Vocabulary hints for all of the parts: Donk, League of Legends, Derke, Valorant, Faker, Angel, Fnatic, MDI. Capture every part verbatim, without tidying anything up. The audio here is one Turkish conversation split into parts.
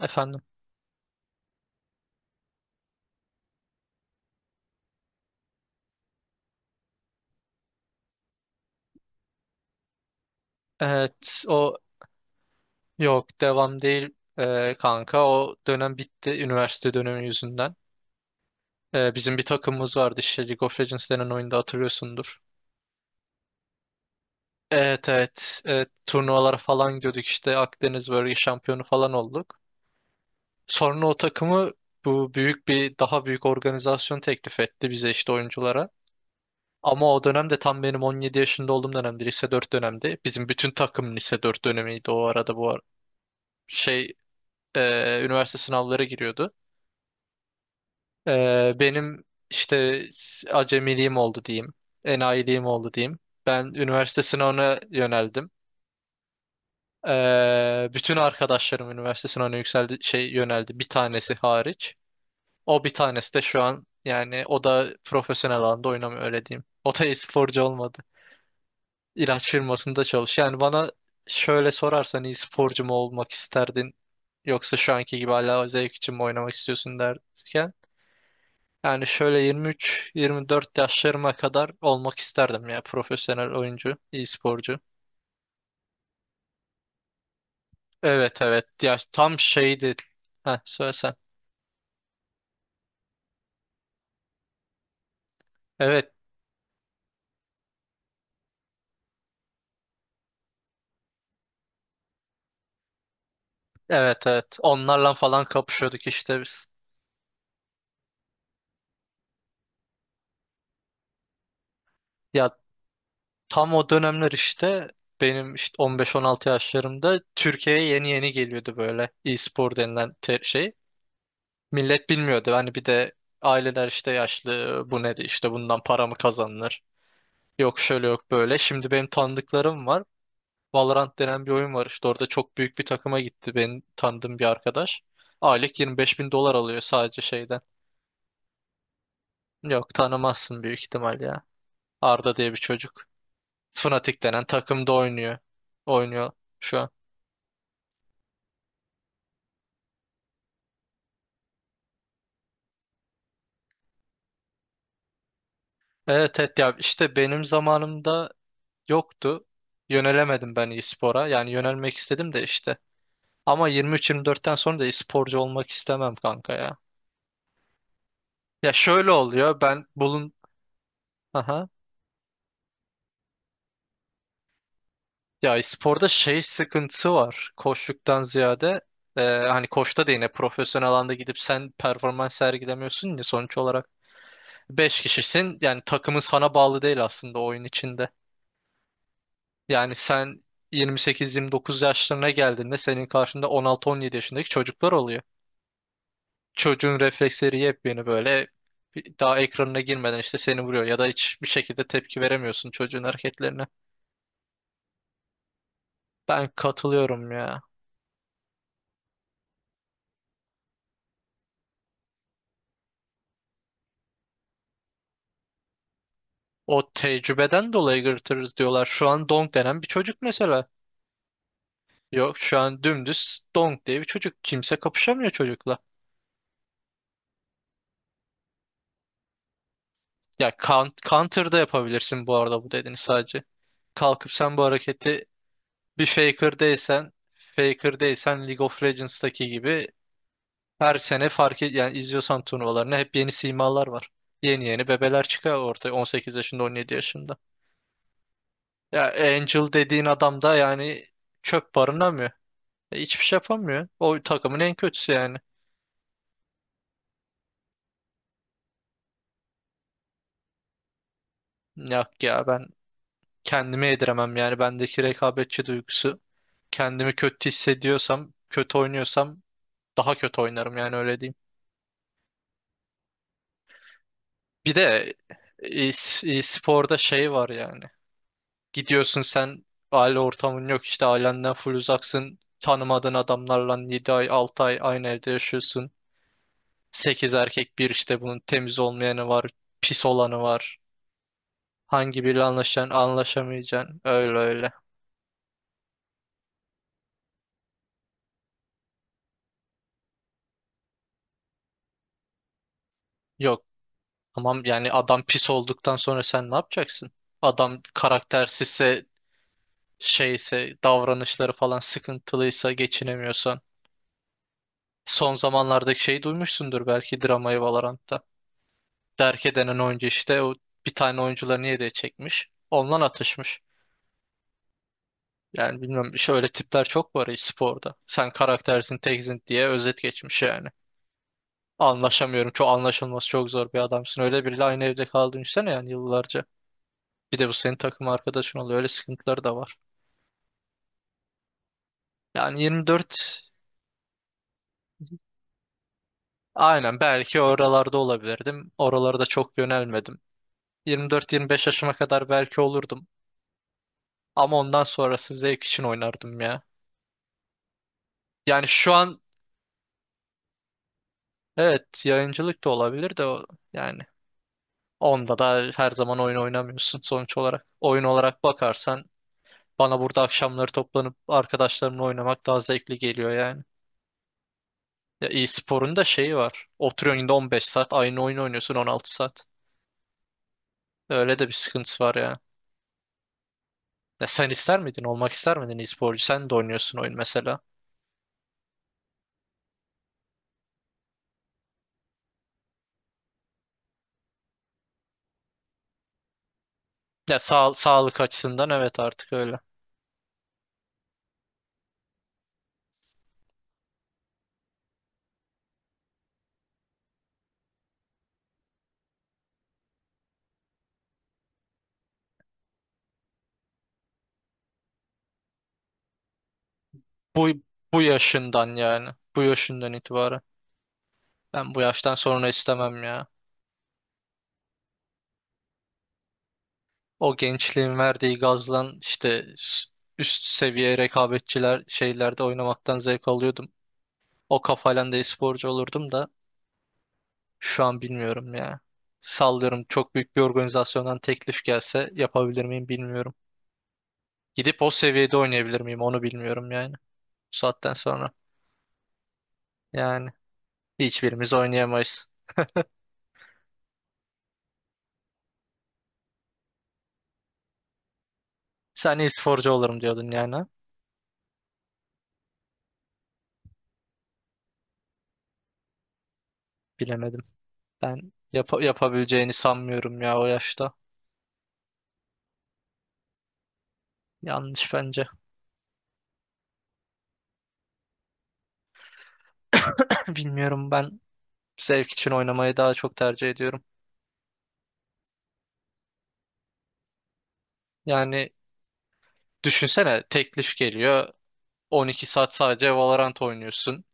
Efendim. Evet o yok devam değil e, kanka. O dönem bitti üniversite dönemi yüzünden. E, bizim bir takımımız vardı işte League of Legends denen oyunda hatırlıyorsundur. Evet evet, evet turnuvalara falan gidiyorduk işte Akdeniz bölge şampiyonu falan olduk. Sonra o takımı bu büyük bir daha büyük organizasyon teklif etti bize işte oyunculara. Ama o dönemde tam benim on yedi yaşında olduğum dönemdi. Lise dört dönemdi. Bizim bütün takım lise dört dönemiydi o arada bu ara. Şey e, Üniversite sınavları giriyordu. E, benim işte s- acemiliğim oldu diyeyim. Enayiliğim oldu diyeyim. Ben üniversite sınavına yöneldim. E, bütün arkadaşlarım üniversite sınavına yükseldi, şey yöneldi. Bir tanesi hariç. O bir tanesi de şu an, yani o da profesyonel alanda oynamıyor, öyle diyeyim. O da e-sporcu olmadı. İlaç firmasında çalış. Yani bana şöyle sorarsan iyi sporcu mu olmak isterdin yoksa şu anki gibi hala zevk için mi oynamak istiyorsun derken, yani şöyle yirmi üç yirmi dört yaşlarıma kadar olmak isterdim ya, profesyonel oyuncu, iyi sporcu. Evet evet ya, tam şeydi. Heh, söylesen. Evet evet evet, onlarla falan kapışıyorduk işte biz. Ya tam o dönemler işte benim işte on beş on altı yaşlarımda Türkiye'ye yeni yeni geliyordu böyle e-spor denilen ter şey. Millet bilmiyordu. Hani bir de aileler işte yaşlı, bu nedir işte, bundan para mı kazanılır? Yok şöyle, yok böyle. Şimdi benim tanıdıklarım var. Valorant denen bir oyun var işte, orada çok büyük bir takıma gitti benim tanıdığım bir arkadaş. Aylık yirmi beş bin dolar alıyor sadece şeyden. Yok, tanımazsın büyük ihtimal ya. Arda diye bir çocuk. Fnatic denen takımda oynuyor. Oynuyor şu an. Evet evet, ya işte benim zamanımda yoktu. Yönelemedim ben e-spora. Yani yönelmek istedim de işte. Ama yirmi üç yirmi dörtten sonra da sporcu olmak istemem kanka ya. Ya şöyle oluyor, ben bulun... Aha. Ya sporda şey sıkıntı var. Koçluktan ziyade e, hani koçta da yine profesyonel alanda gidip sen performans sergilemiyorsun ya sonuç olarak. Beş kişisin yani, takımın sana bağlı değil aslında oyun içinde. Yani sen yirmi sekiz yirmi dokuz yaşlarına geldiğinde senin karşında on altı on yedi yaşındaki çocuklar oluyor. Çocuğun refleksleri yepyeni, böyle bir- daha ekranına girmeden işte seni vuruyor ya da hiçbir şekilde tepki veremiyorsun çocuğun hareketlerine. Ben katılıyorum ya. O tecrübeden dolayı gırtırız diyorlar. Şu an Donk denen bir çocuk mesela. Yok, şu an dümdüz Donk diye bir çocuk. Kimse kapışamıyor çocukla. Ya kan- Counter'da yapabilirsin bu arada bu dediğini sadece. Kalkıp sen bu hareketi, bir Faker değilsen, Faker değilsen League of Legends'taki gibi her sene fark et, yani izliyorsan turnuvalarını hep yeni simalar var. Yeni yeni bebeler çıkıyor ortaya, on sekiz yaşında, on yedi yaşında. Ya Angel dediğin adam da yani çöp, barınamıyor. E, hiçbir şey yapamıyor. O takımın en kötüsü yani. Yok ya ben kendime yediremem yani bendeki rekabetçi duygusu. Kendimi kötü hissediyorsam, kötü oynuyorsam daha kötü oynarım yani öyle diyeyim. Bir de e, s- e, sporda şey var yani. Gidiyorsun sen, aile ortamın yok işte, ailenden full uzaksın. Tanımadığın adamlarla yedi ay, altı ay aynı evde yaşıyorsun. Sekiz erkek bir işte, bunun temiz olmayanı var, pis olanı var. Hangi biriyle anlaşacaksın, anlaşamayacaksın. Öyle öyle. Yok tamam, yani adam pis olduktan sonra sen ne yapacaksın? Adam karaktersizse, şeyse, davranışları falan sıkıntılıysa, geçinemiyorsan. Son zamanlardaki şeyi duymuşsundur belki, dramayı Valorant'ta. Derke denen oyuncu işte o bir tane oyuncularını yediye çekmiş. Ondan atışmış. Yani bilmiyorum, şöyle tipler çok var sporda. Sen karaktersin, teksin diye özet geçmiş yani. Anlaşamıyorum. Çok anlaşılması çok zor bir adamsın. Öyle biriyle aynı evde kaldın işte yani yıllarca. Bir de bu senin takım arkadaşın oluyor. Öyle sıkıntıları da var. Yani yirmi dört, aynen belki oralarda olabilirdim. Oralarda çok yönelmedim. yirmi dört yirmi beş yaşıma kadar belki olurdum. Ama ondan sonrası zevk için oynardım ya. Yani şu an, evet, yayıncılık da olabilir de, o- yani onda da her zaman oyun oynamıyorsun sonuç olarak. Oyun olarak bakarsan bana burada akşamları toplanıp arkadaşlarımla oynamak daha zevkli geliyor yani. Ya e-sporun da şeyi var. Oturuyorsun yine on beş saat aynı oyun oynuyorsun, on altı saat. Öyle de bir sıkıntısı var ya. Ya sen ister miydin? Olmak ister miydin e-sporcu? Sen de oynuyorsun oyun mesela. Ya sağ, sağlık açısından evet, artık öyle. Bu bu yaşından yani. Bu yaşından itibaren. Ben bu yaştan sonra istemem ya. O gençliğin verdiği gazla işte, s- üst seviye rekabetçiler şeylerde oynamaktan zevk alıyordum. O kafayla da e-sporcu olurdum da şu an bilmiyorum ya. Sallıyorum, çok büyük bir organizasyondan teklif gelse yapabilir miyim bilmiyorum. Gidip o seviyede oynayabilir miyim, onu bilmiyorum yani. Bu saatten sonra yani hiçbirimiz oynayamayız. Sen e-sporcu olurum diyordun yani, ha? Bilemedim. Ben yapa- yapabileceğini sanmıyorum ya o yaşta. Yanlış bence. Bilmiyorum, ben zevk için oynamayı daha çok tercih ediyorum. Yani düşünsene, teklif geliyor. on iki saat sadece Valorant oynuyorsun.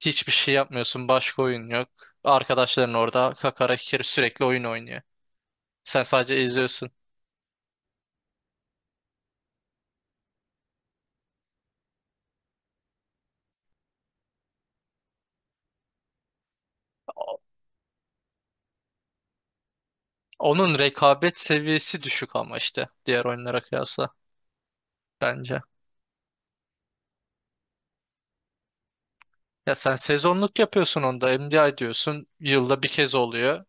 Hiçbir şey yapmıyorsun. Başka oyun yok. Arkadaşların orada kakara kikiri sürekli oyun oynuyor. Sen sadece izliyorsun. O- Onun rekabet seviyesi düşük ama işte diğer oyunlara kıyasla bence. Ya sen sezonluk yapıyorsun onda. M D I diyorsun. Yılda bir kez oluyor.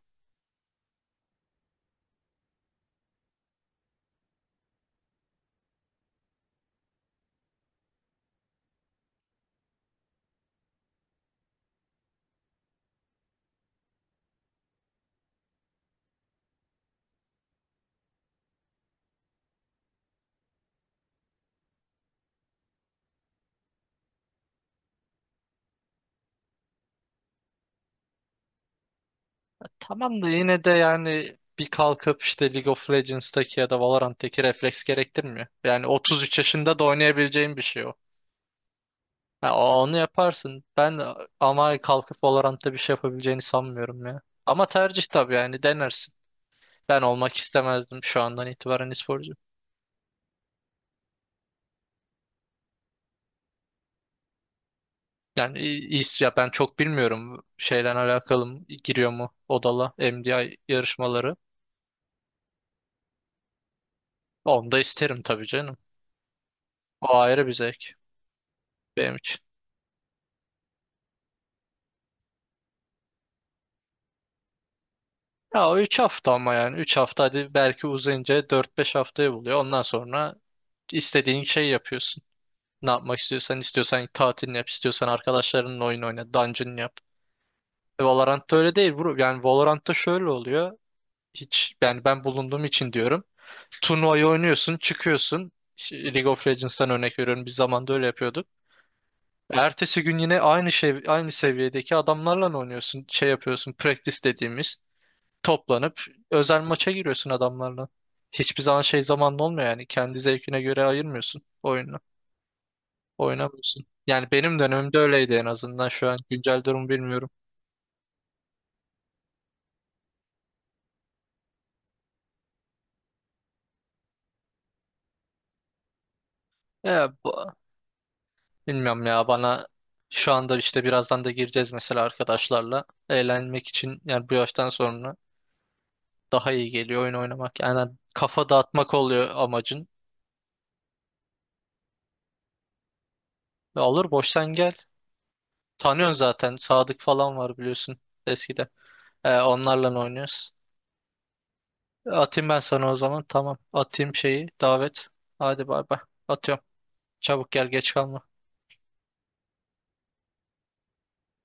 Tamam da yine de yani bir kalkıp işte League of Legends'taki ya da Valorant'taki refleks gerektirmiyor. Yani otuz üç yaşında da oynayabileceğin bir şey o. Ha, onu yaparsın. Ben ama kalkıp Valorant'ta bir şey yapabileceğini sanmıyorum ya. Ama tercih tabii, yani denersin. Ben olmak istemezdim şu andan itibaren e-sporcu. Yani i- is- ya ben çok bilmiyorum şeyden alakalı mı, giriyor mu odala M D I yarışmaları. Onu da isterim tabii canım. O ayrı bir zevk benim için. Ya üç hafta, ama yani üç hafta hadi, belki uzayınca dört beş haftayı buluyor. Ondan sonra istediğin şey yapıyorsun. Ne yapmak istiyorsan, istiyorsan tatilini yap, istiyorsan arkadaşlarınla oyun oyna, dungeon yap. E, Valorant'ta öyle değil bro. Yani Valorant'ta şöyle oluyor. Hiç, yani ben bulunduğum için diyorum. Turnuvayı oynuyorsun, çıkıyorsun. Ş- League of Legends'tan örnek veriyorum. Bir zamanda öyle yapıyorduk. Ertesi gün yine aynı şey, aynı seviyedeki adamlarla oynuyorsun. Şey yapıyorsun, practice dediğimiz. Toplanıp özel maça giriyorsun adamlarla. Hiçbir zaman şey zamanlı olmuyor yani. Kendi zevkine göre ayırmıyorsun oyunu. Oynamıyorsun. Yani benim dönemimde öyleydi en azından. Şu an güncel durumu bilmiyorum. Ya bu, bilmiyorum ya, bana şu anda işte birazdan da gireceğiz mesela arkadaşlarla. Eğlenmek için, yani bu yaştan sonra daha iyi geliyor oyun oynamak. Yani kafa dağıtmak oluyor amacın. Ya olur, boş gel. Tanıyorsun zaten. Sadık falan var biliyorsun eskide. Ee, onlarla oynuyoruz. Atayım ben sana o zaman. Tamam. Atayım şeyi. Davet. Hadi bay bay. Atıyorum. Çabuk gel, geç kalma.